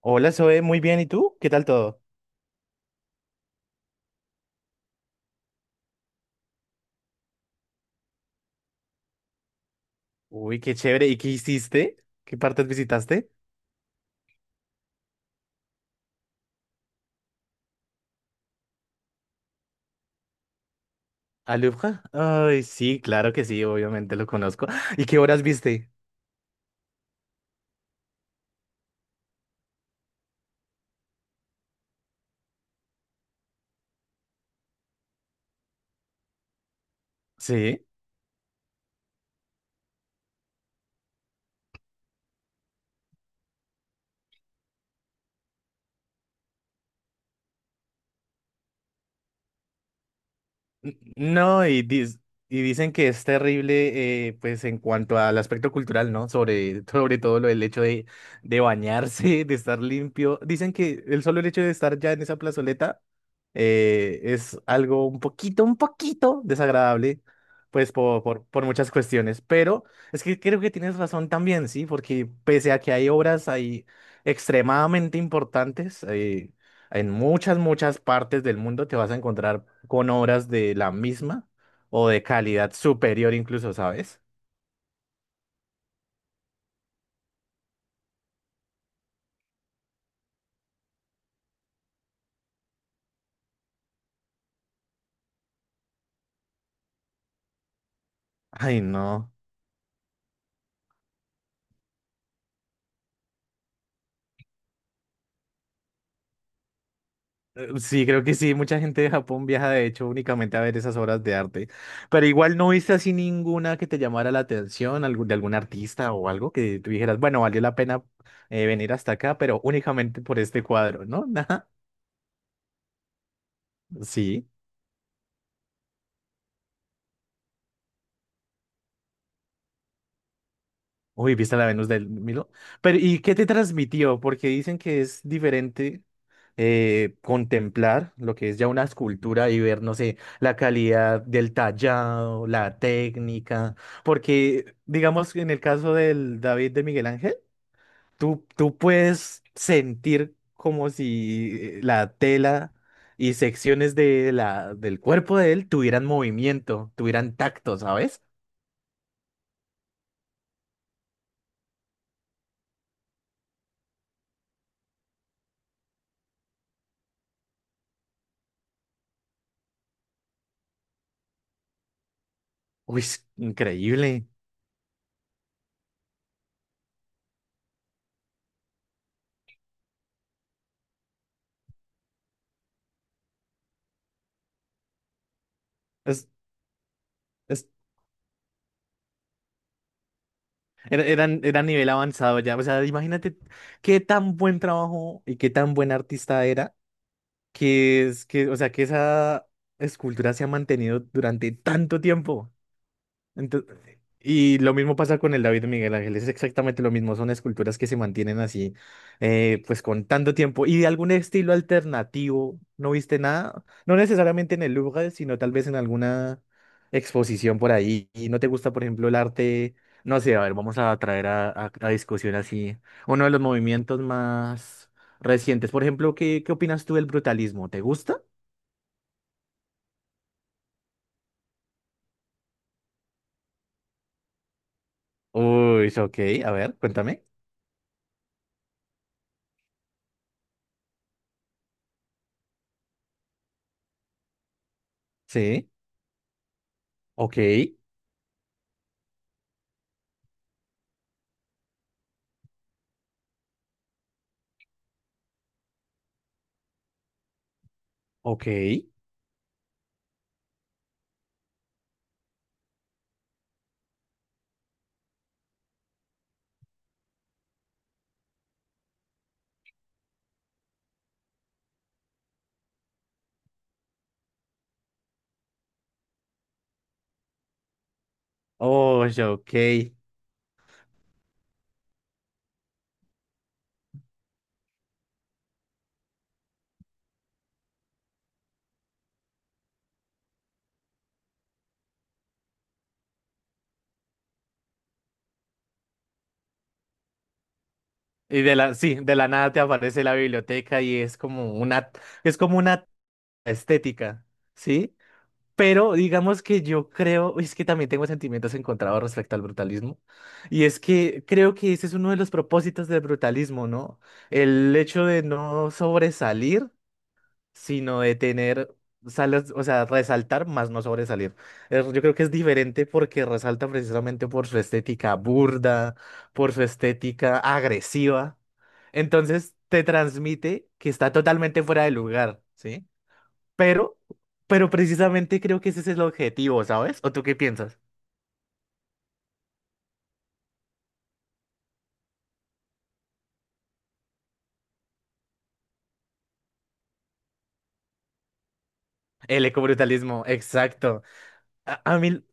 Hola, Zoe, muy bien. ¿Y tú? ¿Qué tal todo? Uy, qué chévere. ¿Y qué hiciste? ¿Qué partes visitaste? ¿Al Louvre? Ay, sí, claro que sí, obviamente lo conozco. ¿Y qué horas viste? Sí. No, y, y dicen que es terrible, pues en cuanto al aspecto cultural, ¿no? Sobre, sobre todo lo del hecho de bañarse, de estar limpio. Dicen que el solo hecho de estar ya en esa plazoleta es algo un poquito desagradable, pues por muchas cuestiones, pero es que creo que tienes razón también, ¿sí? Porque pese a que hay obras ahí extremadamente importantes, en muchas, muchas partes del mundo te vas a encontrar con obras de la misma o de calidad superior incluso, ¿sabes? Ay, no. Sí, creo que sí. Mucha gente de Japón viaja, de hecho, únicamente a ver esas obras de arte. Pero igual no viste así ninguna que te llamara la atención, de algún artista o algo que tú dijeras, bueno, valió la pena venir hasta acá, pero únicamente por este cuadro, ¿no? Nada. Sí. Uy, ¿viste la Venus del Milo? Pero, ¿y qué te transmitió? Porque dicen que es diferente contemplar lo que es ya una escultura y ver, no sé, la calidad del tallado, la técnica. Porque, digamos, en el caso del David de Miguel Ángel, tú puedes sentir como si la tela y secciones de del cuerpo de él tuvieran movimiento, tuvieran tacto, ¿sabes? Uy, es increíble. Es- es era nivel avanzado ya. O sea, imagínate qué tan buen trabajo y qué tan buen artista era o sea, que esa escultura se ha mantenido durante tanto tiempo. Ento- y lo mismo pasa con el David de Miguel Ángel, es exactamente lo mismo, son esculturas que se mantienen así, pues con tanto tiempo. ¿Y de algún estilo alternativo no viste nada? No necesariamente en el Louvre, sino tal vez en alguna exposición por ahí. ¿Y no te gusta, por ejemplo, el arte? No sé, a ver, vamos a traer a discusión así uno de los movimientos más recientes. Por ejemplo, ¿ qué opinas tú del brutalismo? ¿Te gusta? Uy, ok, a ver, cuéntame. Sí, ok, ok. Oh, ya, ok. Y de la, sí, de la nada te aparece la biblioteca y es como una estética, ¿sí? Pero digamos que yo creo, es que también tengo sentimientos encontrados respecto al brutalismo, y es que creo que ese es uno de los propósitos del brutalismo, ¿no? El hecho de no sobresalir sino de tener, o sea, resaltar más no sobresalir. Yo creo que es diferente porque resalta precisamente por su estética burda, por su estética agresiva. Entonces te transmite que está totalmente fuera de lugar, ¿sí? Pero, pero precisamente creo que ese es el objetivo, ¿sabes? ¿O tú qué piensas? El ecobrutalismo, exacto. A, a mí,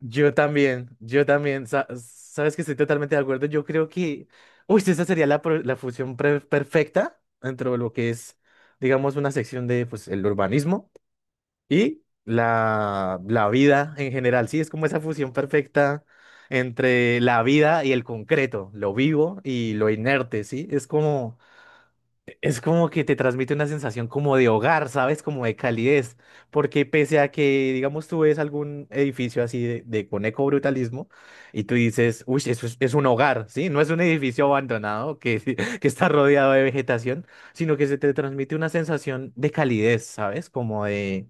Yo también, sabes que estoy totalmente de acuerdo. Yo creo que, uy, esa sería la, la fusión perfecta dentro de lo que es, digamos, una sección de, pues, el urbanismo y la vida en general. Sí, es como esa fusión perfecta entre la vida y el concreto, lo vivo y lo inerte, ¿sí? Es como… Es como que te transmite una sensación como de hogar, ¿sabes? Como de calidez, porque pese a que, digamos, tú ves algún edificio así de con ecobrutalismo y tú dices, uy, eso es un hogar, ¿sí? No es un edificio abandonado que, que está rodeado de vegetación, sino que se te transmite una sensación de calidez, ¿sabes? Como de,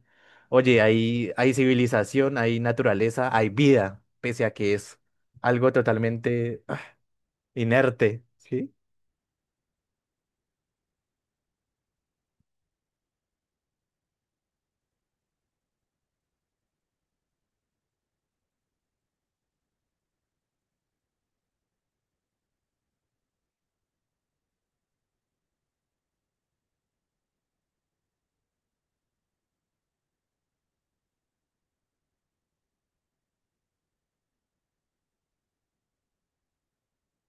oye, hay civilización, hay naturaleza, hay vida, pese a que es algo totalmente inerte, ¿sí?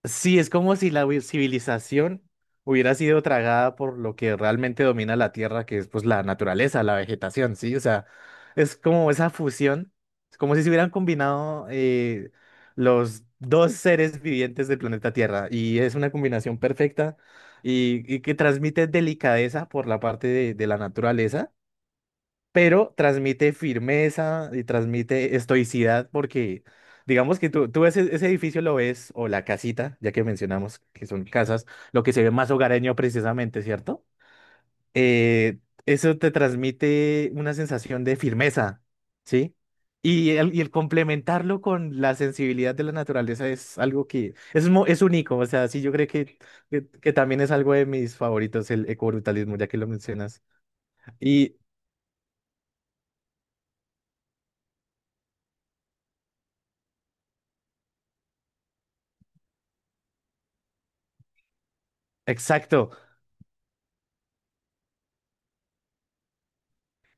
Sí, es como si la civilización hubiera sido tragada por lo que realmente domina la Tierra, que es pues la naturaleza, la vegetación, ¿sí? O sea, es como esa fusión, es como si se hubieran combinado los dos seres vivientes del planeta Tierra y es una combinación perfecta y que transmite delicadeza por la parte de la naturaleza pero transmite firmeza y transmite estoicidad porque digamos que tú ves ese edificio lo ves, o la casita, ya que mencionamos que son casas, lo que se ve más hogareño precisamente, ¿cierto? Eh, eso te transmite una sensación de firmeza, ¿sí? Y el complementarlo con la sensibilidad de la naturaleza es algo que es, es único, o sea, sí, yo creo que, que también es algo de mis favoritos, el ecobrutalismo, ya que lo mencionas. Y exacto.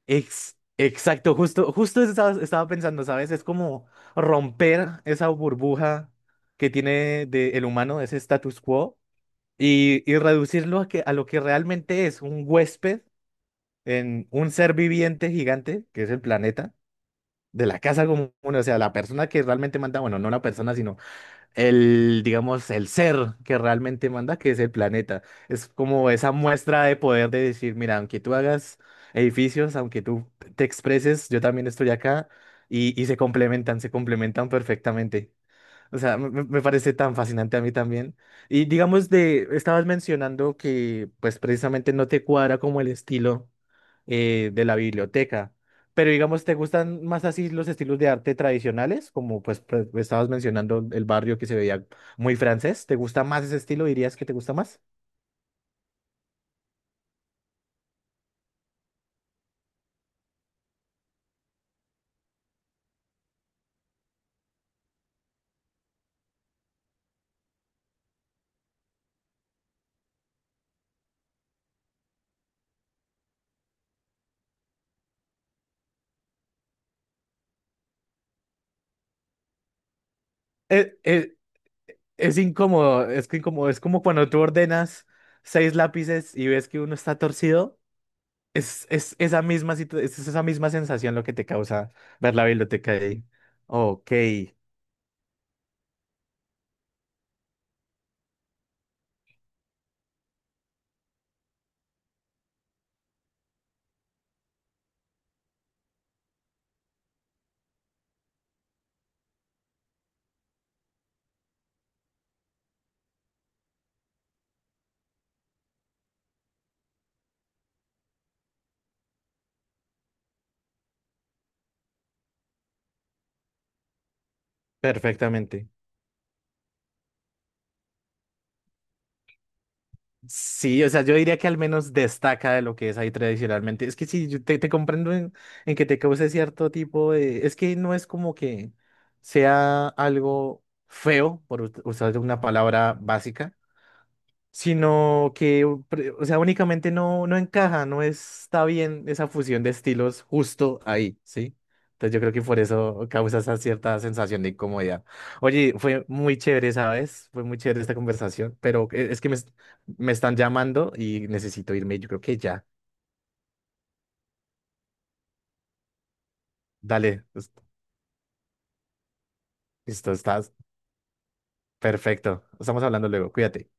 Exacto, justo, justo eso estaba, estaba pensando, ¿sabes? Es como romper esa burbuja que tiene de el humano, ese status quo, y reducirlo a, que, a lo que realmente es un huésped en un ser viviente gigante, que es el planeta, de la casa común, o sea, la persona que realmente manda, bueno, no la persona, sino el, digamos, el ser que realmente manda, que es el planeta. Es como esa muestra de poder de decir, mira, aunque tú hagas edificios, aunque tú te expreses, yo también estoy acá y se complementan perfectamente. O sea, me parece tan fascinante a mí también. Y digamos de, estabas mencionando que pues precisamente no te cuadra como el estilo de la biblioteca. Pero digamos, ¿te gustan más así los estilos de arte tradicionales? Como pues estabas mencionando el barrio que se veía muy francés. ¿Te gusta más ese estilo? ¿Dirías que te gusta más? Eh, eh, es incómodo, es que incómodo, es como cuando tú ordenas seis lápices y ves que uno está torcido. Es esa misma es esa misma sensación lo que te causa ver la biblioteca ahí. Ok, perfectamente. Sí, o sea, yo diría que al menos destaca de lo que es ahí tradicionalmente. Es que sí, yo te, te comprendo en que te cause cierto tipo de… Es que no es como que sea algo feo, por usar una palabra básica, sino que, o sea, únicamente no, no encaja, no está bien esa fusión de estilos justo ahí, ¿sí? Entonces yo creo que por eso causa esa cierta sensación de incomodidad. Oye, fue muy chévere, ¿sabes? Fue muy chévere esta conversación, pero es que me están llamando y necesito irme, yo creo que ya. Dale, listo, estás perfecto. Estamos hablando luego, cuídate.